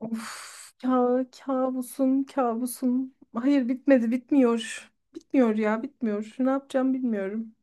Of, kabusum, kabusum. Hayır, bitmedi, bitmiyor. Bitmiyor ya, bitmiyor. Ne yapacağım bilmiyorum.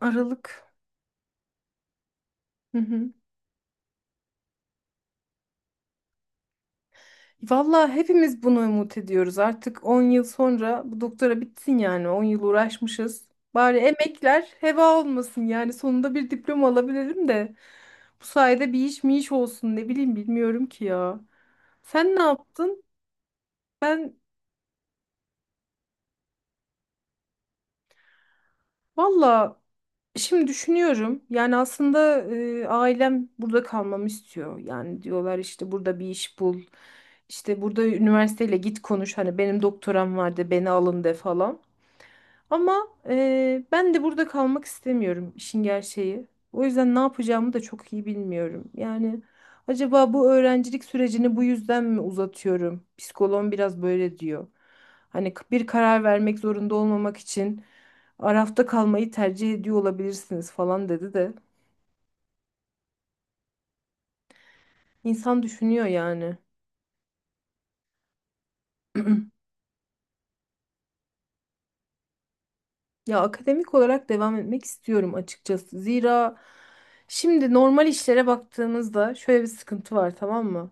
Aralık. Hı hı. Vallahi hepimiz bunu umut ediyoruz. Artık 10 yıl sonra bu doktora bitsin yani. 10 yıl uğraşmışız. Bari emekler heba olmasın yani. Sonunda bir diploma alabilirim de. Bu sayede bir iş mi iş olsun, ne bileyim, bilmiyorum ki ya. Sen ne yaptın? Ben Valla, şimdi düşünüyorum. Yani aslında ailem burada kalmamı istiyor. Yani diyorlar işte, burada bir iş bul. İşte burada üniversiteyle git konuş. Hani benim doktoram vardı, beni alın de falan. Ama ben de burada kalmak istemiyorum, işin gerçeği. O yüzden ne yapacağımı da çok iyi bilmiyorum. Yani acaba bu öğrencilik sürecini bu yüzden mi uzatıyorum? Psikoloğum biraz böyle diyor. Hani bir karar vermek zorunda olmamak için arafta kalmayı tercih ediyor olabilirsiniz falan dedi de. İnsan düşünüyor yani. Ya akademik olarak devam etmek istiyorum açıkçası. Zira şimdi normal işlere baktığımızda şöyle bir sıkıntı var, tamam mı?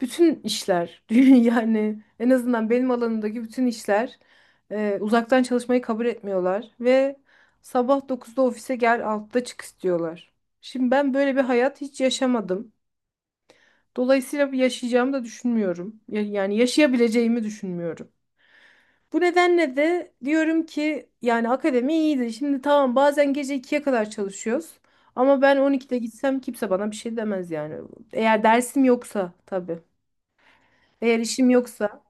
Bütün işler yani en azından benim alanımdaki bütün işler uzaktan çalışmayı kabul etmiyorlar ve sabah dokuzda ofise gel 6'da çık istiyorlar. Şimdi ben böyle bir hayat hiç yaşamadım. Dolayısıyla bir yaşayacağımı da düşünmüyorum. Yani yaşayabileceğimi düşünmüyorum. Bu nedenle de diyorum ki yani akademi iyiydi. Şimdi tamam, bazen gece ikiye kadar çalışıyoruz. Ama ben 12'de gitsem kimse bana bir şey demez yani. Eğer dersim yoksa tabii. Eğer işim yoksa.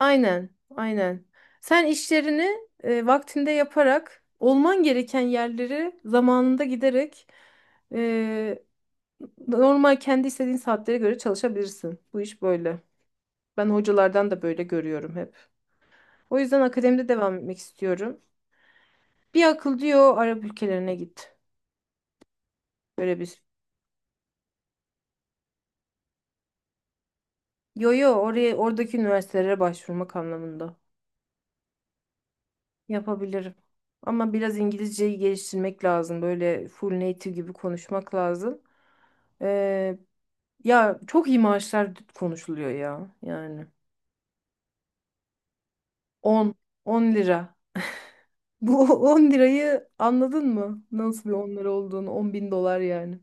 Aynen, aynen. Sen işlerini vaktinde yaparak, olman gereken yerleri zamanında giderek e, normal kendi istediğin saatlere göre çalışabilirsin. Bu iş böyle. Ben hocalardan da böyle görüyorum hep. O yüzden akademide devam etmek istiyorum. Bir akıl diyor Arap ülkelerine git. Böyle bir. Yo yo, oradaki üniversitelere başvurmak anlamında. Yapabilirim. Ama biraz İngilizceyi geliştirmek lazım. Böyle full native gibi konuşmak lazım. Ee, Ya çok iyi maaşlar konuşuluyor ya. Yani 10 10 lira. Bu 10 lirayı anladın mı? Nasıl bir 10 lira olduğunu. 10 bin dolar yani.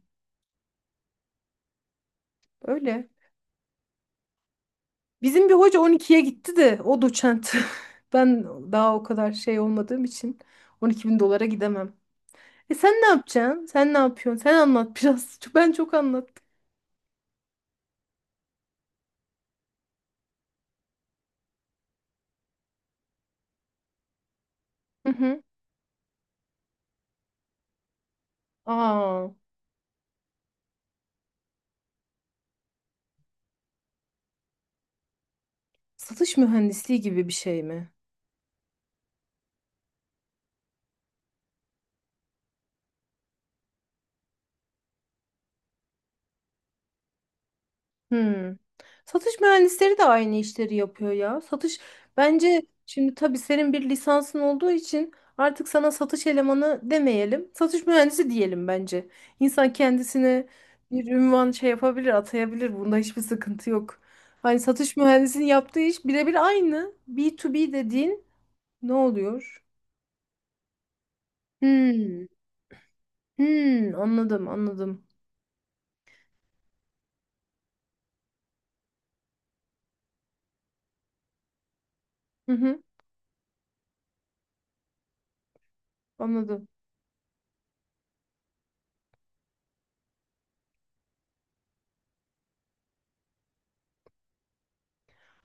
Öyle. Bizim bir hoca 12'ye gitti de, o doçent. Ben daha o kadar şey olmadığım için 12 bin dolara gidemem. E, sen ne yapacaksın? Sen ne yapıyorsun? Sen anlat biraz. Ben çok anlattım. Hı hı. Aa, satış mühendisliği gibi bir şey mi? Hmm. Satış mühendisleri de aynı işleri yapıyor ya. Bence şimdi tabii, senin bir lisansın olduğu için artık sana satış elemanı demeyelim. Satış mühendisi diyelim bence. İnsan kendisine bir ünvan şey yapabilir, atayabilir. Bunda hiçbir sıkıntı yok. Hani satış mühendisinin yaptığı iş birebir aynı. B2B dediğin ne oluyor? Hmm. Hmm, anladım, anladım. Hı hı, anladım.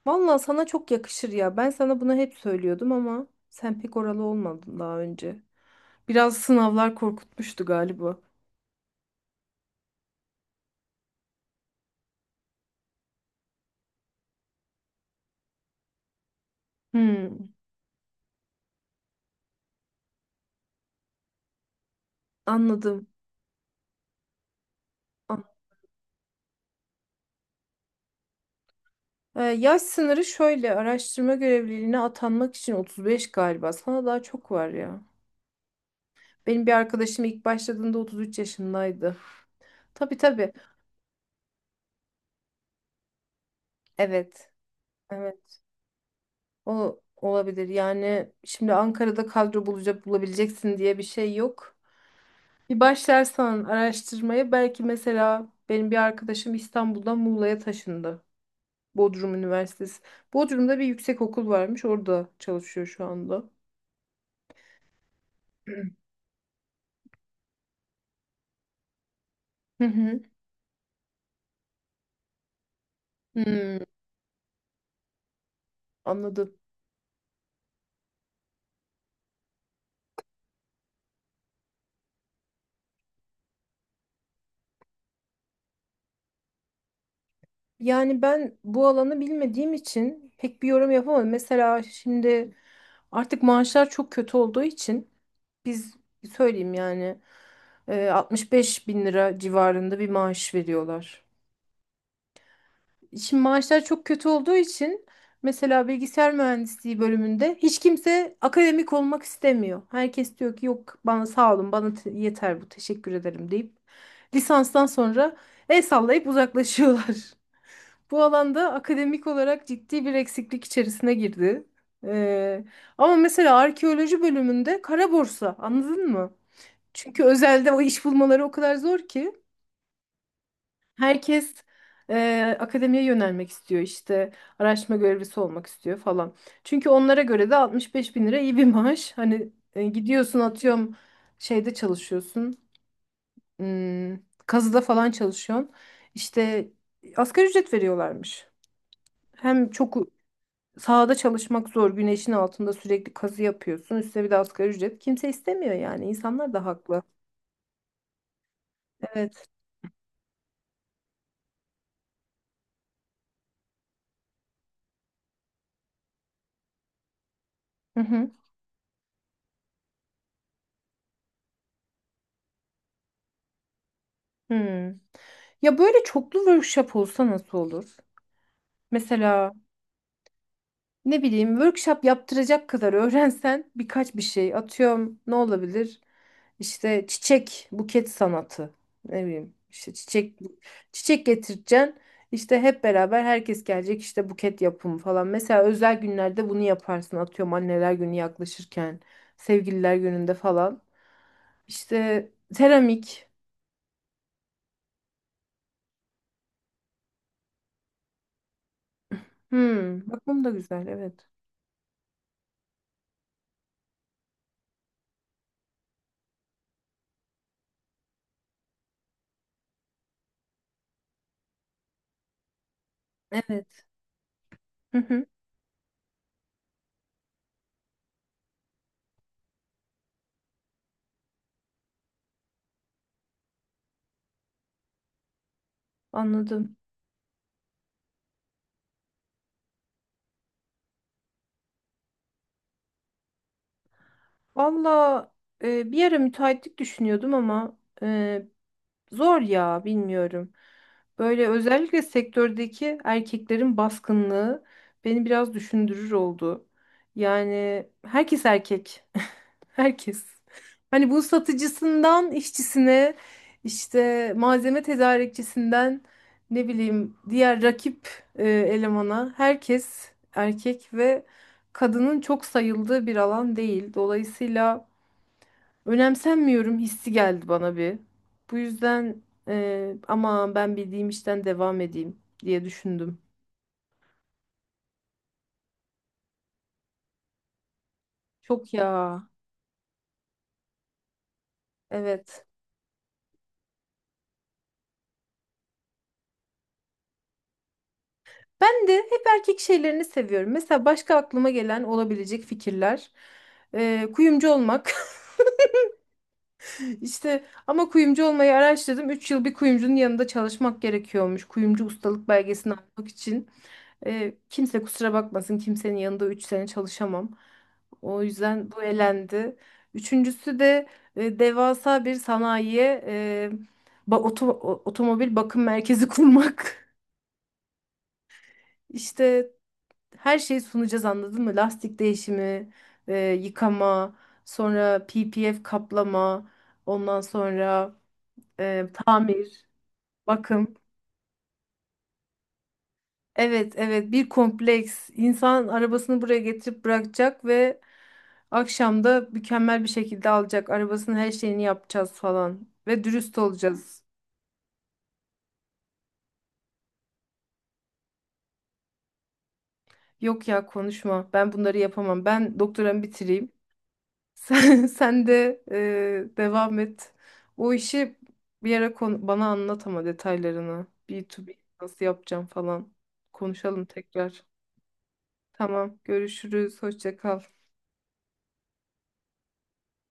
Vallahi sana çok yakışır ya. Ben sana bunu hep söylüyordum ama sen pek oralı olmadın daha önce. Biraz sınavlar korkutmuştu galiba. Hmm, anladım. An- Yaş sınırı şöyle, araştırma görevliliğine atanmak için 35 galiba. Sana daha çok var ya. Benim bir arkadaşım ilk başladığında 33 yaşındaydı. Tabii, tabii. Evet. Evet. O olabilir. Yani şimdi Ankara'da kadro bulabileceksin diye bir şey yok. Bir başlarsan araştırmaya, belki mesela benim bir arkadaşım İstanbul'dan Muğla'ya taşındı. Bodrum Üniversitesi. Bodrum'da bir yüksekokul varmış. Orada çalışıyor şu anda. Hı hı. Hmm, anladım. Yani ben bu alanı bilmediğim için pek bir yorum yapamadım. Mesela şimdi artık maaşlar çok kötü olduğu için, biz söyleyeyim yani 65 bin lira civarında bir maaş veriyorlar. Şimdi maaşlar çok kötü olduğu için mesela bilgisayar mühendisliği bölümünde hiç kimse akademik olmak istemiyor. Herkes diyor ki, yok bana sağ olun, bana yeter bu, teşekkür ederim deyip lisanstan sonra el sallayıp uzaklaşıyorlar. Bu alanda akademik olarak ciddi bir eksiklik içerisine girdi. Ee, Ama mesela arkeoloji bölümünde kara borsa, anladın mı? Çünkü özelde o iş bulmaları o kadar zor ki. Herkes akademiye yönelmek istiyor işte, araştırma görevlisi olmak istiyor falan. Çünkü onlara göre de 65 bin lira iyi bir maaş. Hani gidiyorsun atıyorum şeyde çalışıyorsun, hmm, kazıda falan çalışıyorsun. İşte asgari ücret veriyorlarmış. Hem çok sahada çalışmak zor, güneşin altında sürekli kazı yapıyorsun, üstüne bir de asgari ücret. Kimse istemiyor yani, insanlar da haklı. Evet. Hı hı. Hmm. Ya böyle çoklu workshop olsa nasıl olur? Mesela ne bileyim workshop yaptıracak kadar öğrensen birkaç bir şey, atıyorum ne olabilir? İşte çiçek buket sanatı, ne bileyim işte çiçek. Çiçek getireceksin, işte hep beraber herkes gelecek, işte buket yapımı falan. Mesela özel günlerde bunu yaparsın, atıyorum anneler günü yaklaşırken sevgililer gününde falan. İşte seramik. Hmm, bak bunu da güzel, evet. Evet. Hı hı, anladım. Valla bir ara müteahhitlik düşünüyordum ama zor ya, bilmiyorum. Böyle özellikle sektördeki erkeklerin baskınlığı beni biraz düşündürür oldu. Yani herkes erkek. Herkes. Hani bu satıcısından işçisine, işte malzeme tedarikçisinden, ne bileyim diğer rakip elemana, herkes erkek ve kadının çok sayıldığı bir alan değil. Dolayısıyla önemsenmiyorum hissi geldi bana bir. Bu yüzden aman, ben bildiğim işten devam edeyim diye düşündüm. Çok ya. Evet. Ben de hep erkek şeylerini seviyorum. Mesela başka aklıma gelen olabilecek fikirler. Kuyumcu olmak. İşte ama kuyumcu olmayı araştırdım. 3 yıl bir kuyumcunun yanında çalışmak gerekiyormuş. Kuyumcu ustalık belgesini almak için. Kimse kusura bakmasın, kimsenin yanında 3 sene çalışamam. O yüzden bu elendi. Üçüncüsü de devasa bir sanayiye, otomobil bakım merkezi kurmak. İşte her şeyi sunacağız, anladın mı? Lastik değişimi, yıkama, sonra PPF kaplama, ondan sonra tamir, bakım. Evet, evet, bir kompleks. İnsan arabasını buraya getirip bırakacak ve akşam da mükemmel bir şekilde alacak. Arabasının her şeyini yapacağız falan ve dürüst olacağız. Yok ya, konuşma. Ben bunları yapamam. Ben doktoramı bitireyim. Sen, sen de devam et. O işi bir ara bana anlat ama detaylarını. B2B nasıl yapacağım falan. Konuşalım tekrar. Tamam, görüşürüz. Hoşça kal.